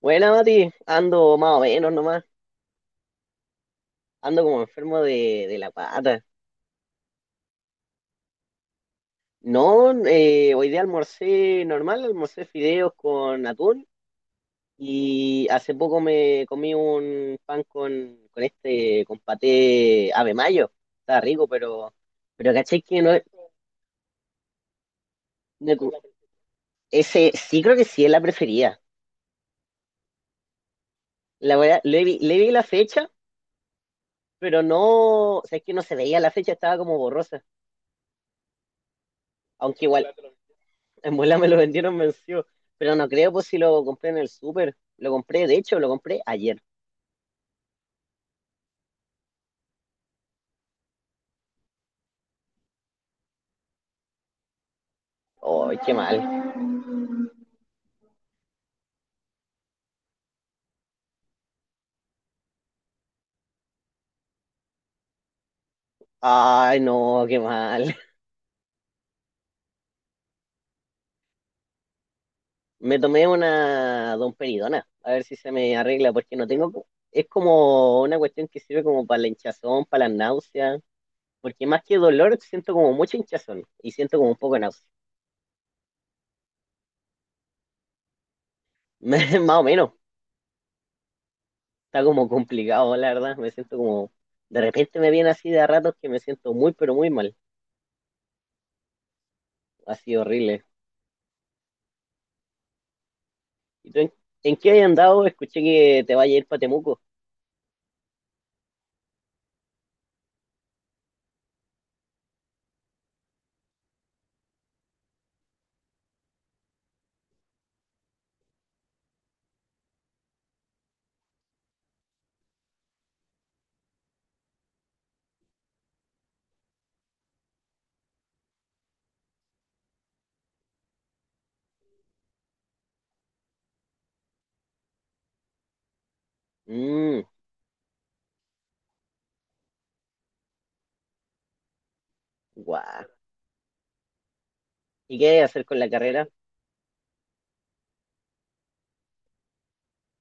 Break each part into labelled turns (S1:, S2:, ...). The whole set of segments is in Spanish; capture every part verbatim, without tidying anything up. S1: Buena, Mati, ando más o menos nomás, ando como enfermo de, de la pata. No, eh, hoy día almorcé normal, almorcé fideos con atún y hace poco me comí un pan con, con este, con paté ave mayo. Está rico, pero, pero caché que no, es- no es- ese sí creo que sí es la preferida. La verdad, le vi, le vi la fecha, pero no, o sea, es que no se veía la fecha, estaba como borrosa. Aunque igual. En bola me lo vendieron vencido. Pero no creo, pues si lo compré en el súper. Lo compré, de hecho, lo compré ayer. Ay, qué mal. Ay, no, qué mal. Me tomé una domperidona, a ver si se me arregla, porque no tengo... Es como una cuestión que sirve como para la hinchazón, para la náusea, porque más que dolor siento como mucha hinchazón y siento como un poco de náusea. Más o menos, está como complicado, la verdad. Me siento como... De repente me viene así de a ratos que me siento muy, pero muy mal. Así horrible. ¿Y tú en, en qué has andado? Escuché que te vaya a ir para Temuco. Mmm, guau. ¿Y qué hay que hacer con la carrera?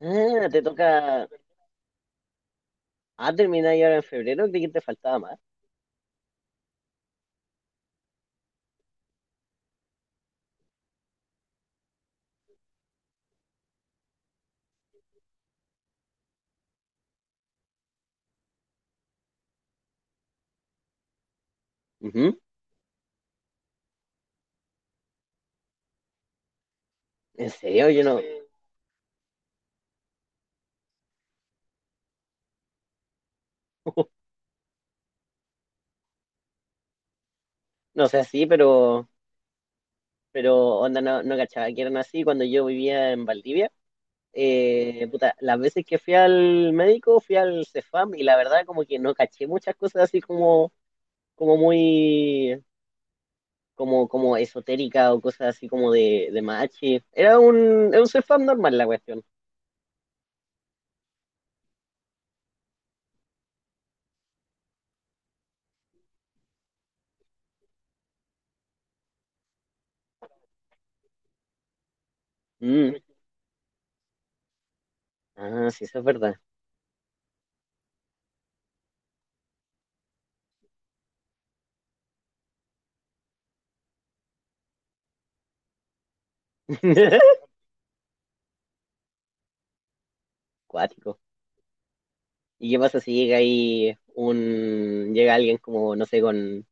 S1: Ah, te toca. Ah, terminar ahora en febrero, creí que te faltaba más. Ujú. En serio, yo no, no sé así, pero, pero onda, no, no cachaba que eran así cuando yo vivía en Valdivia. Eh, puta, las veces que fui al médico, fui al CEFAM y la verdad como que no caché muchas cosas así como, como muy como, como esotérica o cosas así como de, de machi. Era un, era un ser fan normal la cuestión. Mm. Ah, sí, eso es verdad. Cuático. ¿Y qué pasa si llega ahí un, llega alguien como, no sé, con,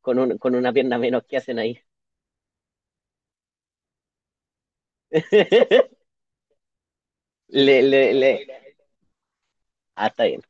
S1: con, un, con una pierna menos, ¿qué hacen ahí? Le, le, le. Ah, está bien.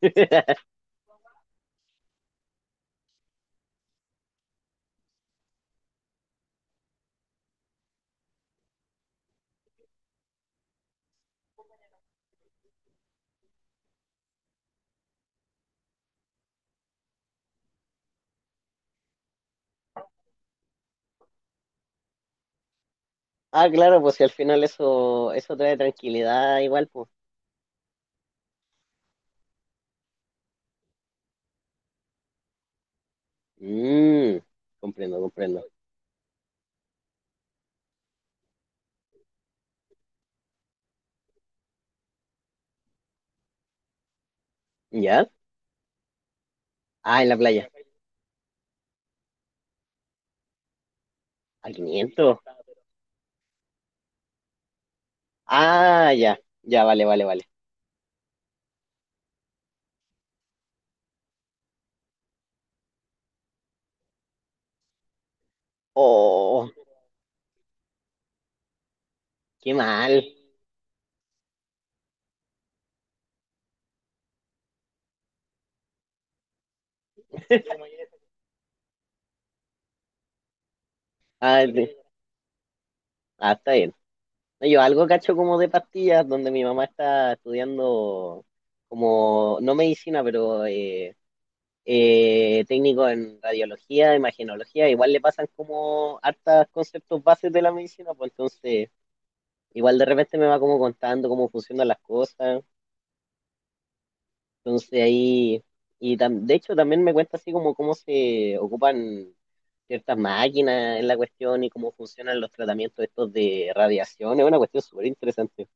S1: Ah, claro, pues si al final eso, eso trae tranquilidad igual, pues. Mm, comprendo, comprendo. ¿Ya? Ah, en la playa. A quinientos. Ah, ya. Ya, vale, vale, vale. Oh, qué mal. Ah, de- ah, está bien. No, yo algo cacho como de pastillas, donde mi mamá está estudiando como, no medicina, pero eh, eh, técnico en radiología, imagenología. Igual le pasan como hartas conceptos bases de la medicina, pues entonces igual de repente me va como contando cómo funcionan las cosas. Entonces ahí, y tam- de hecho también me cuenta así como cómo se ocupan ciertas máquinas en la cuestión y cómo funcionan los tratamientos estos de radiación. Es una cuestión súper interesante.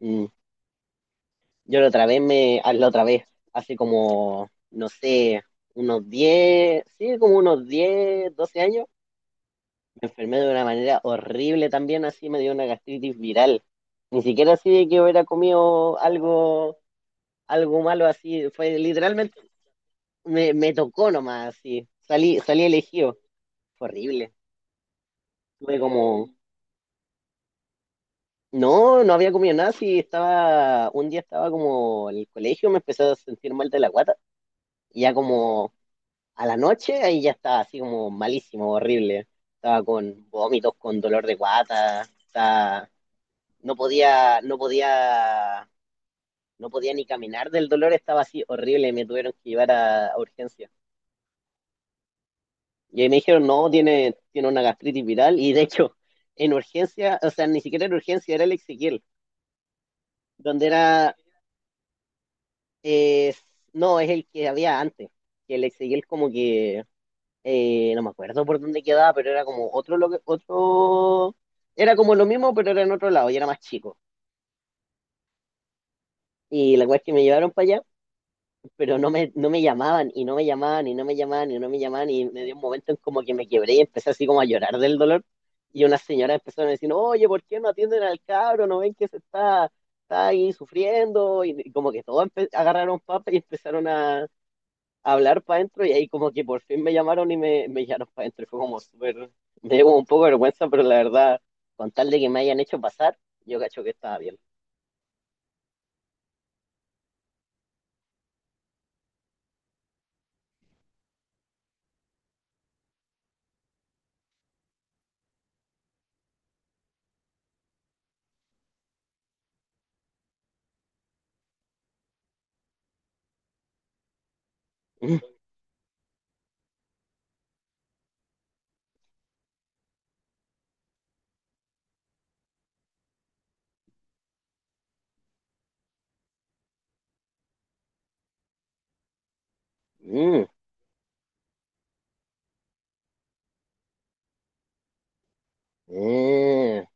S1: Mm. Yo la otra vez me, ah, la otra vez, hace como, no sé, unos diez sí, como unos diez doce años, me enfermé de una manera horrible también, así me dio una gastritis viral. Ni siquiera así de que hubiera comido algo, algo malo así, fue literalmente me, me tocó nomás, sí. Salí, salí elegido. Fue horrible. Tuve como. No, no había comido nada, sí, estaba, un día estaba como en el colegio, me empecé a sentir mal de la guata, y ya como a la noche, ahí ya estaba así como malísimo, horrible, estaba con vómitos, con dolor de guata, estaba- no podía, no podía, no podía ni caminar del dolor, estaba así horrible, me tuvieron que llevar a, a urgencia. Y ahí me dijeron, no, tiene, tiene una gastritis viral. Y de hecho, en urgencia, o sea, ni siquiera en urgencia, era el Ezequiel, donde era, eh, no, es el que había antes. Que el Ezequiel como que, eh, no me acuerdo por dónde quedaba, pero era como otro, lo otro, era como lo mismo, pero era en otro lado y era más chico. Y la cosa es que me llevaron para allá, pero no me, no me llamaban y no me llamaban y no me llamaban y no me llamaban y me dio un momento en como que me quebré y empecé así como a llorar del dolor y una señora empezó a decir, oye, ¿por qué no atienden al cabro? ¿No ven que se está, está ahí sufriendo? Y como que todos empe- agarraron papa y empezaron a, a hablar para adentro y ahí como que por fin me llamaron y me, me llamaron para adentro. Y fue como súper, me dio como un poco de vergüenza, pero la verdad, con tal de que me hayan hecho pasar, yo cacho que estaba bien. Mm, mm, mm,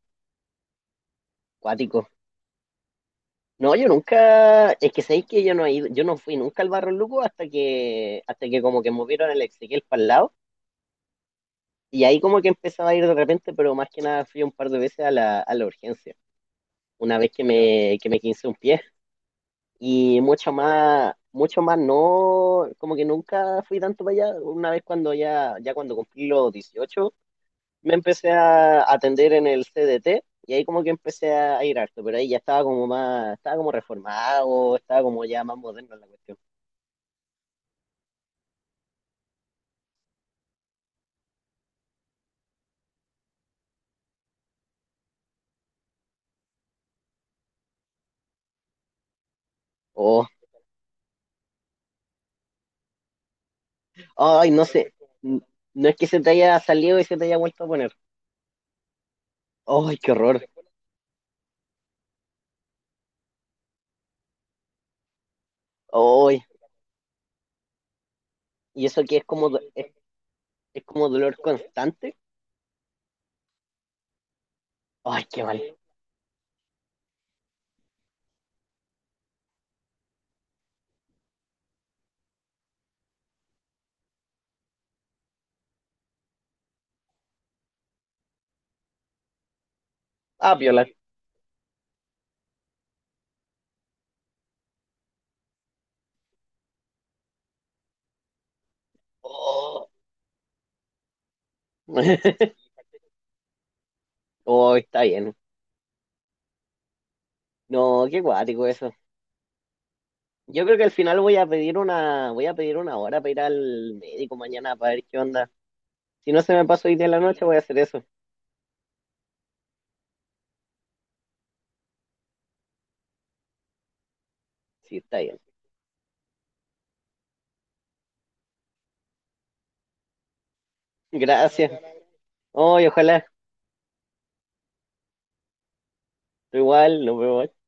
S1: cuático. No, yo nunca, es que sabéis que yo no he ido, yo no fui nunca al Barro Luco hasta que, hasta que como que movieron el Ezequiel para el lado, y ahí como que empezaba a ir de repente, pero más que nada fui un par de veces a la, a la urgencia, una vez que me, que me quince un pie, y mucho más, mucho más no, como que nunca fui tanto para allá, una vez cuando ya, ya cuando cumplí los dieciocho me empecé a atender en el C D T, y ahí como que empecé a ir harto, pero ahí ya estaba como más, estaba como reformado, estaba como ya más moderno en la cuestión. Oh, ay, no sé. N- No es que se te haya salido y se te haya vuelto a poner. Ay, qué horror. Ay, y eso que es como, do- es, es como dolor constante. Ay, qué mal. Ah, piola. Oh. Oh, está bien. No, qué guático eso. Yo creo que al final voy a pedir una, voy a pedir una hora para ir al médico mañana para ver qué onda. Si no se me pasa hoy día en la noche, voy a hacer eso. Sí, está bien. Gracias. Ay, ojalá. Igual, nos vemos.